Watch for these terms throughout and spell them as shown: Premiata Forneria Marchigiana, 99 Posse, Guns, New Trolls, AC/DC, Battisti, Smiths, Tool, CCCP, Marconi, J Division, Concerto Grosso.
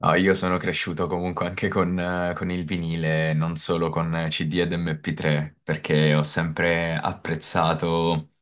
No, io sono cresciuto comunque anche con il vinile, non solo con CD ed MP3, perché ho sempre apprezzato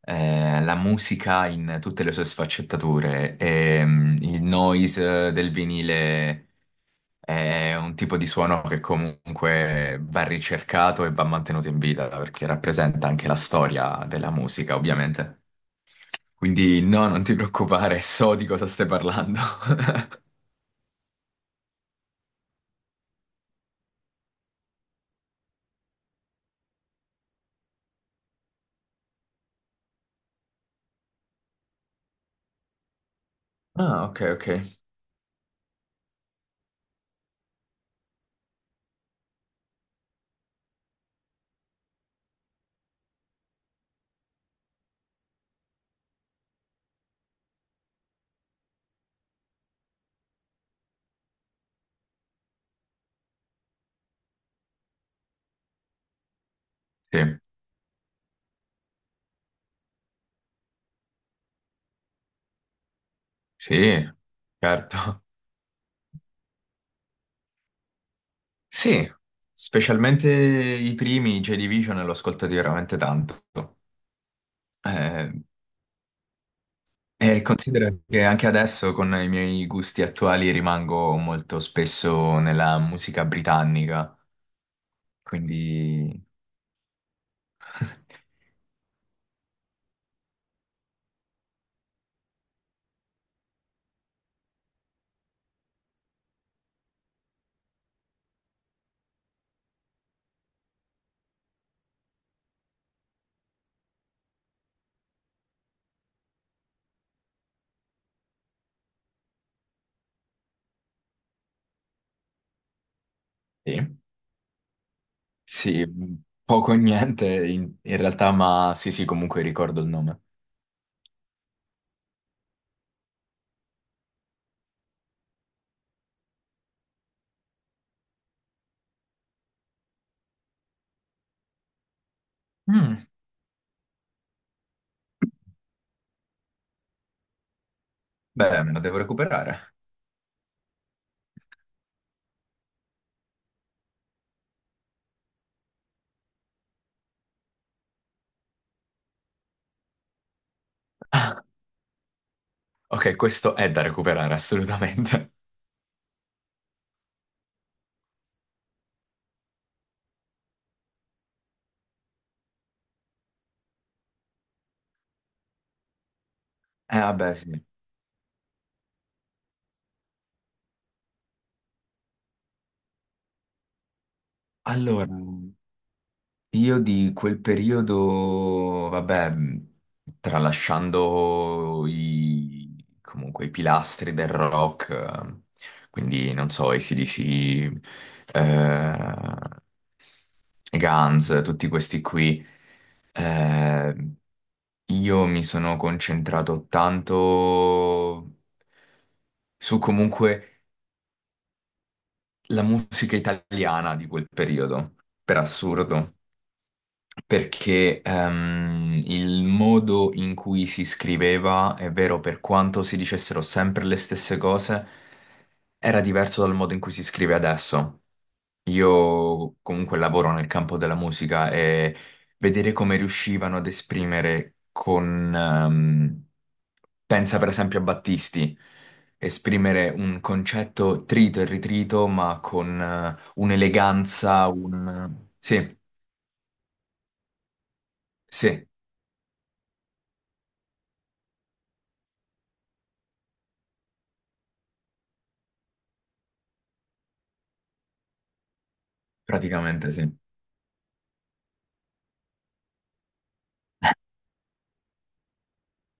la musica in tutte le sue sfaccettature e il noise del vinile è un tipo di suono che comunque va ricercato e va mantenuto in vita, perché rappresenta anche la storia della musica, ovviamente. Quindi no, non ti preoccupare, so di cosa stai parlando. Ah, ok, ok. Sì. Sì, certo. Sì, specialmente i primi J Division l'ho ascoltati veramente tanto. Eh, e considero che anche adesso con i miei gusti attuali rimango molto spesso nella musica britannica, quindi sì, sì, poco e niente in realtà, ma sì, sì, comunque ricordo il nome. Mm. Beh, me lo devo recuperare. Ok, questo è da recuperare assolutamente. Vabbè, sì. Allora, io di quel periodo, vabbè, tralasciando i, comunque i pilastri del rock, quindi non so, AC/DC, Guns, tutti questi qui, eh, io mi sono concentrato tanto su comunque la musica italiana di quel periodo, per assurdo. Perché il modo in cui si scriveva, è vero, per quanto si dicessero sempre le stesse cose, era diverso dal modo in cui si scrive adesso. Io comunque lavoro nel campo della musica e vedere come riuscivano ad esprimere con... pensa per esempio a Battisti, esprimere un concetto trito e ritrito, ma con un'eleganza, un... Sì, sì. Praticamente sì.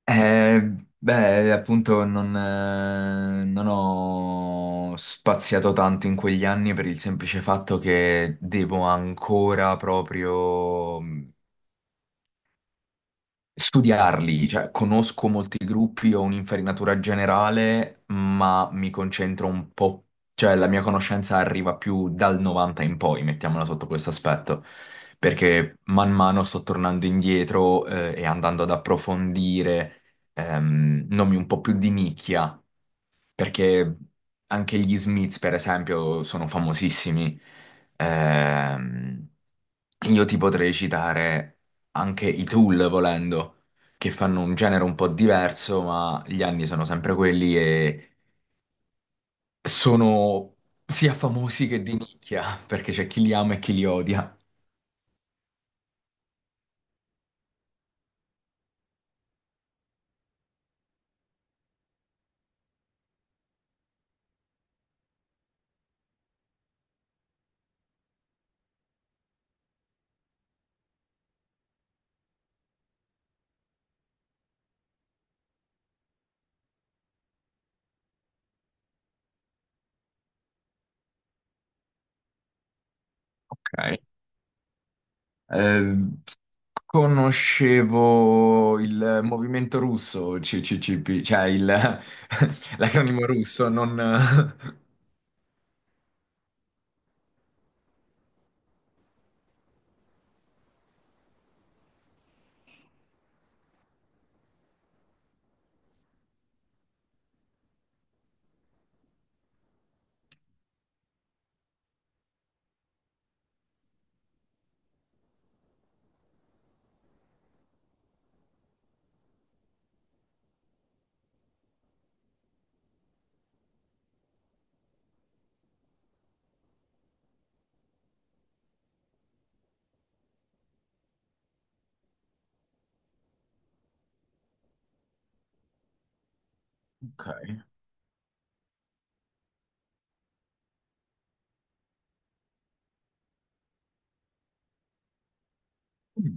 Eh, beh, appunto non, non ho spaziato tanto in quegli anni per il semplice fatto che devo ancora proprio studiarli, cioè conosco molti gruppi, ho un'infarinatura generale, ma mi concentro un po', cioè la mia conoscenza arriva più dal 90 in poi, mettiamola sotto questo aspetto, perché man mano sto tornando indietro e andando ad approfondire nomi un po' più di nicchia perché anche gli Smiths, per esempio, sono famosissimi. Ehm, io ti potrei citare anche i Tool, volendo, che fanno un genere un po' diverso, ma gli anni sono sempre quelli e sono sia famosi che di nicchia, perché c'è chi li ama e chi li odia. Ok. Ehm, conoscevo il movimento russo, CCCP, l'acronimo russo, non... Ok. Mm.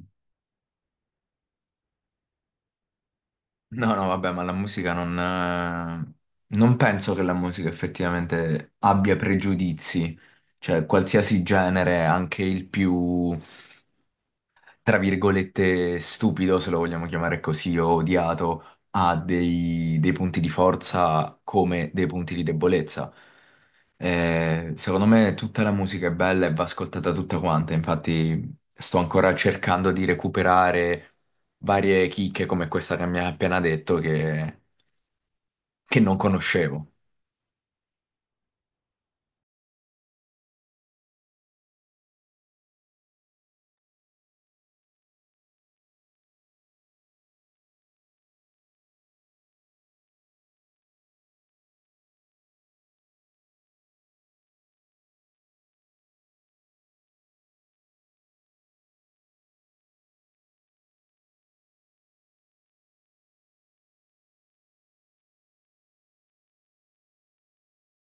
No, no, vabbè, ma la musica non... non penso che la musica effettivamente abbia pregiudizi, cioè qualsiasi genere, anche il più... tra virgolette, stupido, se lo vogliamo chiamare così, o odiato, ha dei punti di forza come dei punti di debolezza. Secondo me tutta la musica è bella e va ascoltata tutta quanta, infatti sto ancora cercando di recuperare varie chicche come questa che mi ha appena detto che non conoscevo.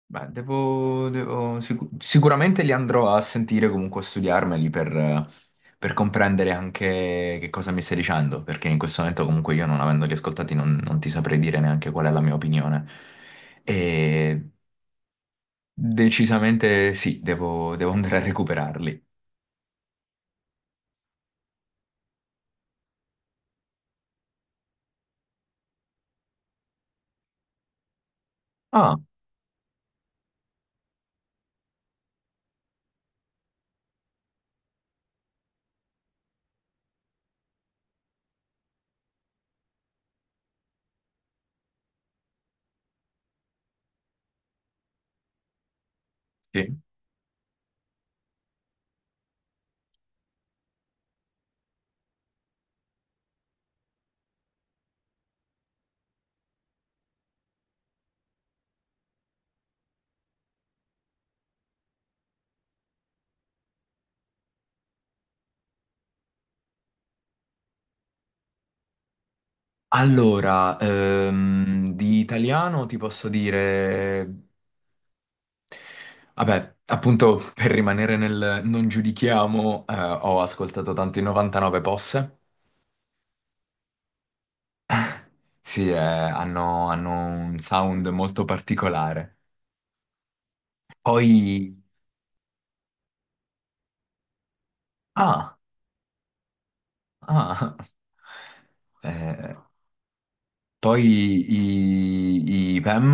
Beh, sicuramente li andrò a sentire comunque a studiarmeli per comprendere anche che cosa mi stai dicendo, perché in questo momento comunque io non avendoli ascoltati non, non ti saprei dire neanche qual è la mia opinione. E decisamente sì, devo andare a recuperarli. Ah, sì. Allora, di italiano ti posso dire... Vabbè, appunto per rimanere nel non giudichiamo, ho ascoltato tanto i 99 Posse. Sì, hanno un sound molto particolare. Poi... Ah, ah. Eh, poi i PEM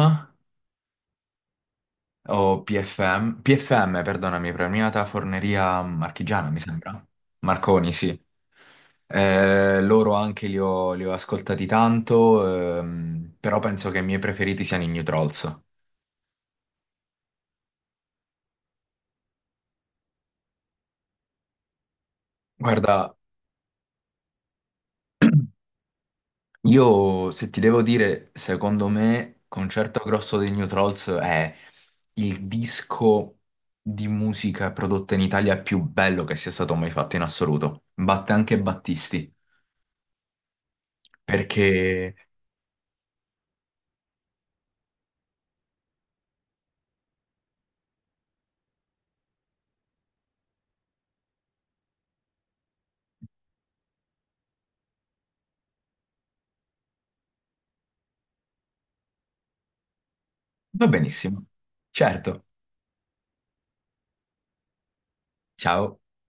o PFM, PFM, perdonami, Premiata Forneria Marchigiana, mi sembra. Marconi, sì. Loro anche li ho ascoltati tanto, però penso che i miei preferiti siano i New Trolls. Guarda, io se ti devo dire, secondo me, Concerto Grosso dei New Trolls è il disco di musica prodotta in Italia più bello che sia stato mai fatto in assoluto. Batte anche Battisti, perché va benissimo. Certo, ciao.